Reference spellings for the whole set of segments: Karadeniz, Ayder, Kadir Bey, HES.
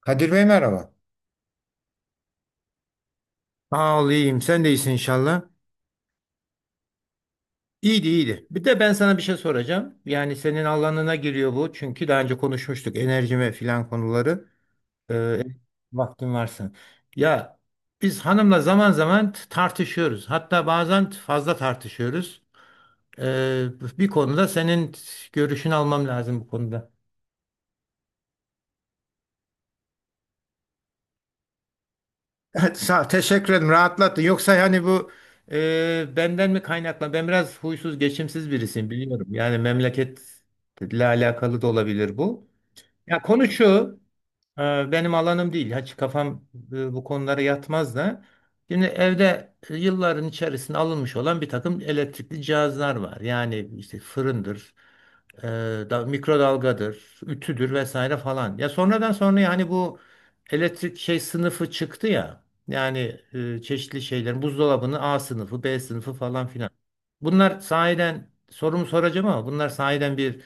Kadir Bey merhaba. Sağ ol, iyiyim. Sen de iyisin inşallah. İyiydi, iyiydi. Bir de ben sana bir şey soracağım. Yani senin alanına giriyor bu. Çünkü daha önce konuşmuştuk enerji ve filan konuları. Ee, Vaktin varsa. Ya biz hanımla zaman zaman tartışıyoruz. Hatta bazen fazla tartışıyoruz. Ee, Bir konuda senin görüşünü almam lazım bu konuda. Evet, sağ ol. Teşekkür ederim. Rahatlattın. Yoksa hani bu benden mi kaynaklan? Ben biraz huysuz, geçimsiz birisiyim biliyorum. Yani memleketle alakalı da olabilir bu. Ya konu şu, benim alanım değil. Hiç kafam bu konulara yatmaz da. Şimdi evde yılların içerisinde alınmış olan bir takım elektrikli cihazlar var. Yani işte fırındır, e, da, mikrodalgadır, ütüdür vesaire falan. Ya sonradan sonra yani bu elektrik şey sınıfı çıktı ya. Yani çeşitli şeylerin buzdolabının A sınıfı, B sınıfı falan filan. Bunlar sahiden sorumu soracağım ama bunlar sahiden bir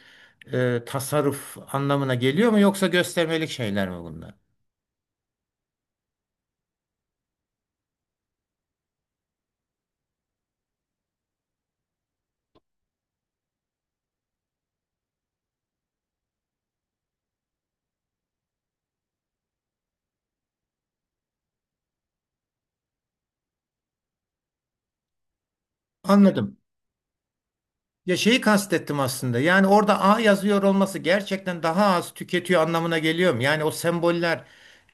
tasarruf anlamına geliyor mu yoksa göstermelik şeyler mi bunlar? Anladım. Ya şeyi kastettim aslında. Yani orada A yazıyor olması gerçekten daha az tüketiyor anlamına geliyor mu? Yani o semboller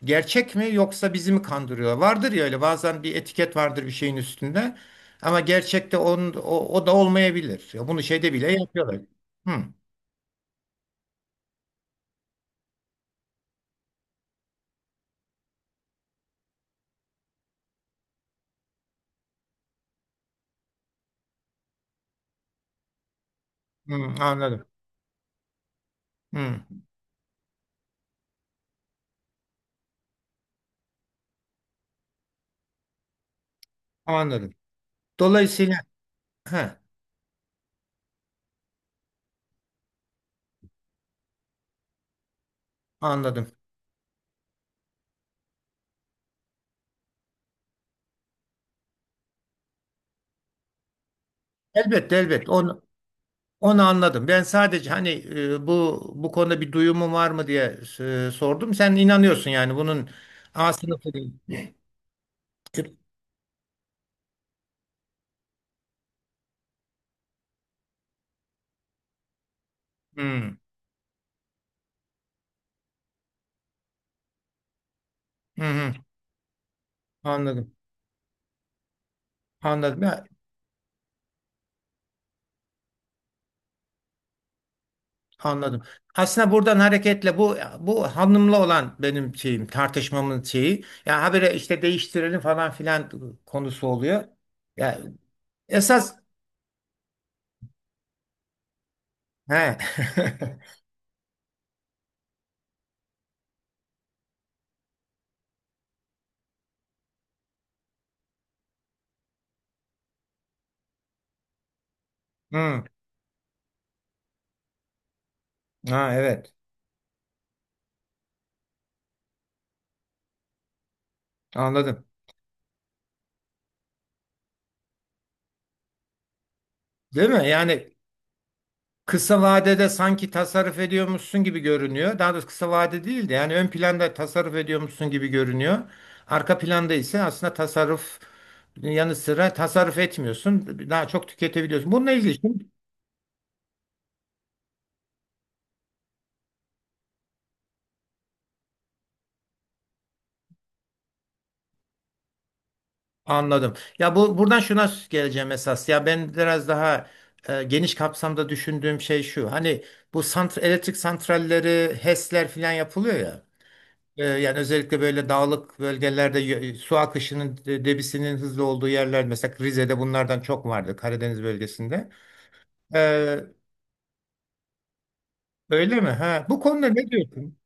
gerçek mi yoksa bizi mi kandırıyor? Vardır ya öyle bazen bir etiket vardır bir şeyin üstünde. Ama gerçekte onun, o, o da olmayabilir. Ya bunu şeyde bile yapıyorlar. Hı, hı, anladım. Hı, anladım. Dolayısıyla he, anladım. Elbette elbette. Onu anladım. Ben sadece hani bu bu konuda bir duyumun var mı diye sordum. Sen inanıyorsun yani bunun A sınıfı değil. Küp- Hmm, hı hı, anladım. Anladım. Ya, anladım. Aslında buradan hareketle bu bu hanımla olan benim şeyim tartışmamın şeyi ya habire işte değiştirelim falan filan konusu oluyor. Ya esas he. Hmm, ha evet. Anladım. Değil mi? Yani kısa vadede sanki tasarruf ediyormuşsun gibi görünüyor. Daha doğrusu kısa vade değil de yani ön planda tasarruf ediyormuşsun gibi görünüyor. Arka planda ise aslında tasarruf yanı sıra tasarruf etmiyorsun. Daha çok tüketebiliyorsun. Bununla ilgili şimdi anladım. Ya bu buradan şuna geleceğim esas. Ya ben biraz daha geniş kapsamda düşündüğüm şey şu. Hani bu sant elektrik santralleri, HES'ler filan yapılıyor ya. Yani özellikle böyle dağlık bölgelerde su akışının debisinin hızlı olduğu yerler mesela Rize'de bunlardan çok vardı Karadeniz bölgesinde. E, Öyle mi? Ha, bu konuda ne diyorsun?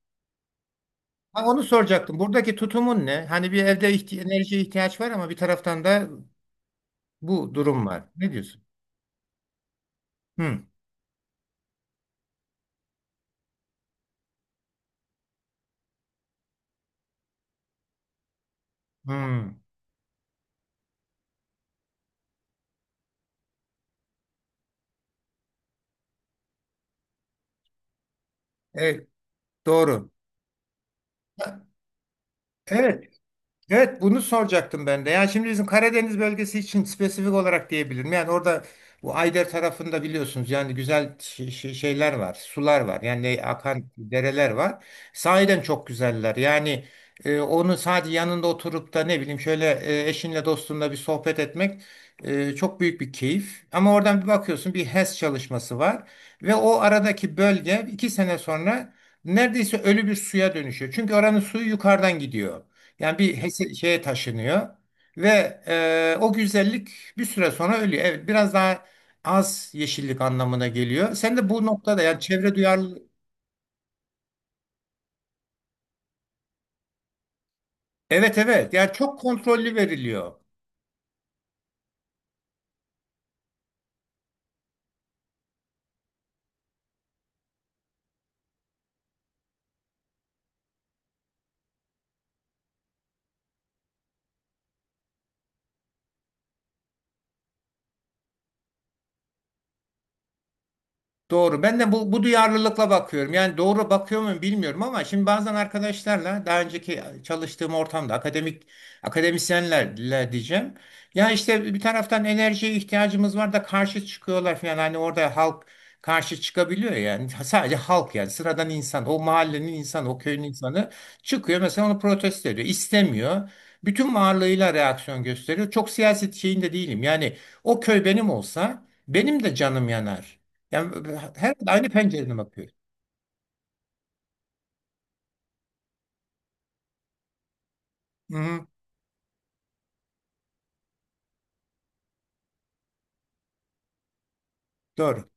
Ha, onu soracaktım. Buradaki tutumun ne? Hani bir evde ihti enerjiye ihtiyaç var ama bir taraftan da bu durum var. Ne diyorsun? Hı. Hı. Evet, doğru. Ha, evet. Evet bunu soracaktım ben de. Yani şimdi bizim Karadeniz bölgesi için spesifik olarak diyebilirim. Yani orada bu Ayder tarafında biliyorsunuz yani güzel şeyler var, sular var. Yani akan dereler var. Sahiden çok güzeller. Yani onu sadece yanında oturup da ne bileyim şöyle eşinle dostunla bir sohbet etmek çok büyük bir keyif. Ama oradan bir bakıyorsun bir HES çalışması var ve o aradaki bölge iki sene sonra neredeyse ölü bir suya dönüşüyor. Çünkü oranın suyu yukarıdan gidiyor. Yani bir şeye taşınıyor ve o güzellik bir süre sonra ölüyor. Evet, biraz daha az yeşillik anlamına geliyor. Sen de bu noktada yani çevre duyarlı. Evet evet yani çok kontrollü veriliyor. Doğru. Ben de bu, bu duyarlılıkla bakıyorum. Yani doğru bakıyor muyum bilmiyorum ama şimdi bazen arkadaşlarla daha önceki çalıştığım ortamda akademisyenlerle diyeceğim. Ya işte bir taraftan enerjiye ihtiyacımız var da karşı çıkıyorlar falan. Hani orada halk karşı çıkabiliyor yani. Sadece halk yani sıradan insan, o mahallenin insanı, o köyün insanı çıkıyor mesela onu protesto ediyor. İstemiyor. Bütün varlığıyla reaksiyon gösteriyor. Çok siyaset şeyinde değilim. Yani o köy benim olsa benim de canım yanar. Yani her aynı pencereden bakıyoruz. Hı hı, doğru.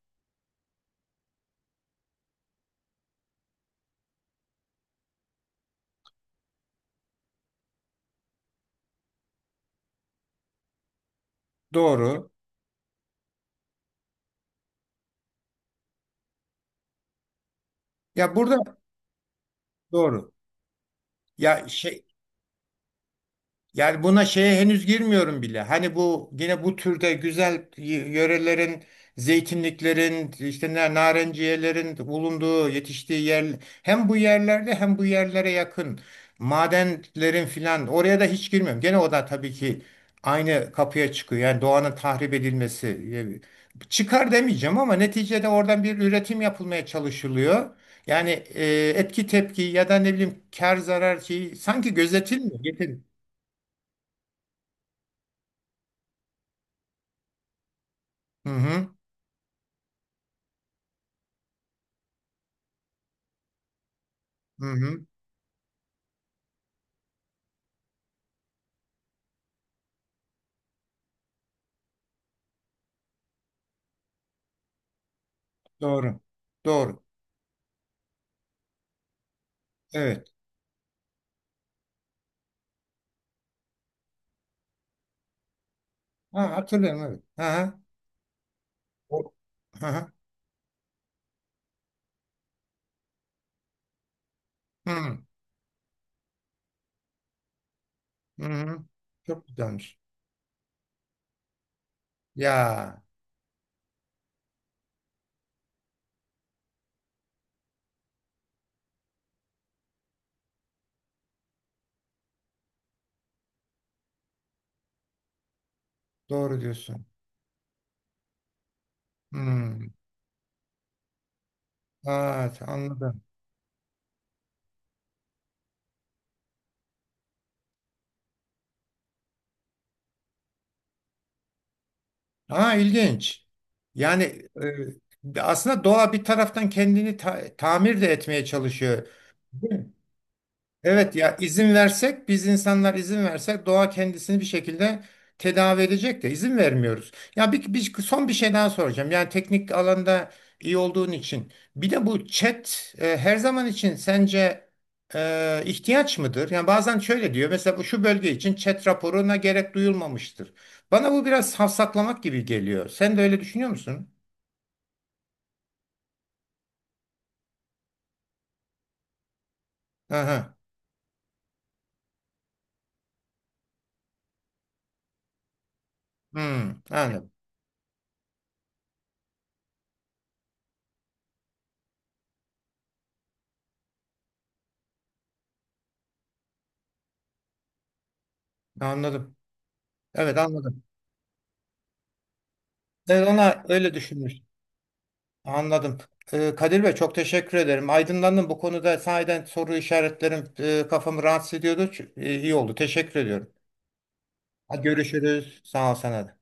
Doğru. Ya burada doğru. Ya şey, yani buna şeye henüz girmiyorum bile. Hani bu yine bu türde güzel yörelerin, zeytinliklerin, işte narenciyelerin bulunduğu, yetiştiği yer hem bu yerlerde hem bu yerlere yakın madenlerin filan oraya da hiç girmiyorum. Gene o da tabii ki aynı kapıya çıkıyor. Yani doğanın tahrip edilmesi. Çıkar demeyeceğim ama neticede oradan bir üretim yapılmaya çalışılıyor. Yani etki tepki ya da ne bileyim kar zarar şeyi sanki gözetilmiyor. Hı hı. Hı hı. Doğru. Doğru. Evet. Ha, hatırlıyorum evet. Hı hı. O- Hı hı. Hı hı. hı. Çok güzelmiş. Ya doğru diyorsun. Hı. Evet anladım. Ha ilginç. Yani aslında doğa bir taraftan kendini tamir de etmeye çalışıyor. Evet ya izin versek biz insanlar izin versek doğa kendisini bir şekilde tedavi edecek de izin vermiyoruz. Ya son bir şey daha soracağım. Yani teknik alanda iyi olduğun için bir de bu chat her zaman için sence ihtiyaç mıdır? Yani bazen şöyle diyor mesela bu şu bölge için chat raporuna gerek duyulmamıştır. Bana bu biraz safsaklamak gibi geliyor. Sen de öyle düşünüyor musun? Aha. Hmm, anladım. Anladım. Evet anladım. Evet, ona öyle düşünmüş. Anladım. Kadir Bey çok teşekkür ederim. Aydınlandım bu konuda sahiden soru işaretlerim kafamı rahatsız ediyordu. İyi oldu. Teşekkür ediyorum. Hadi görüşürüz. Sağ ol sana da.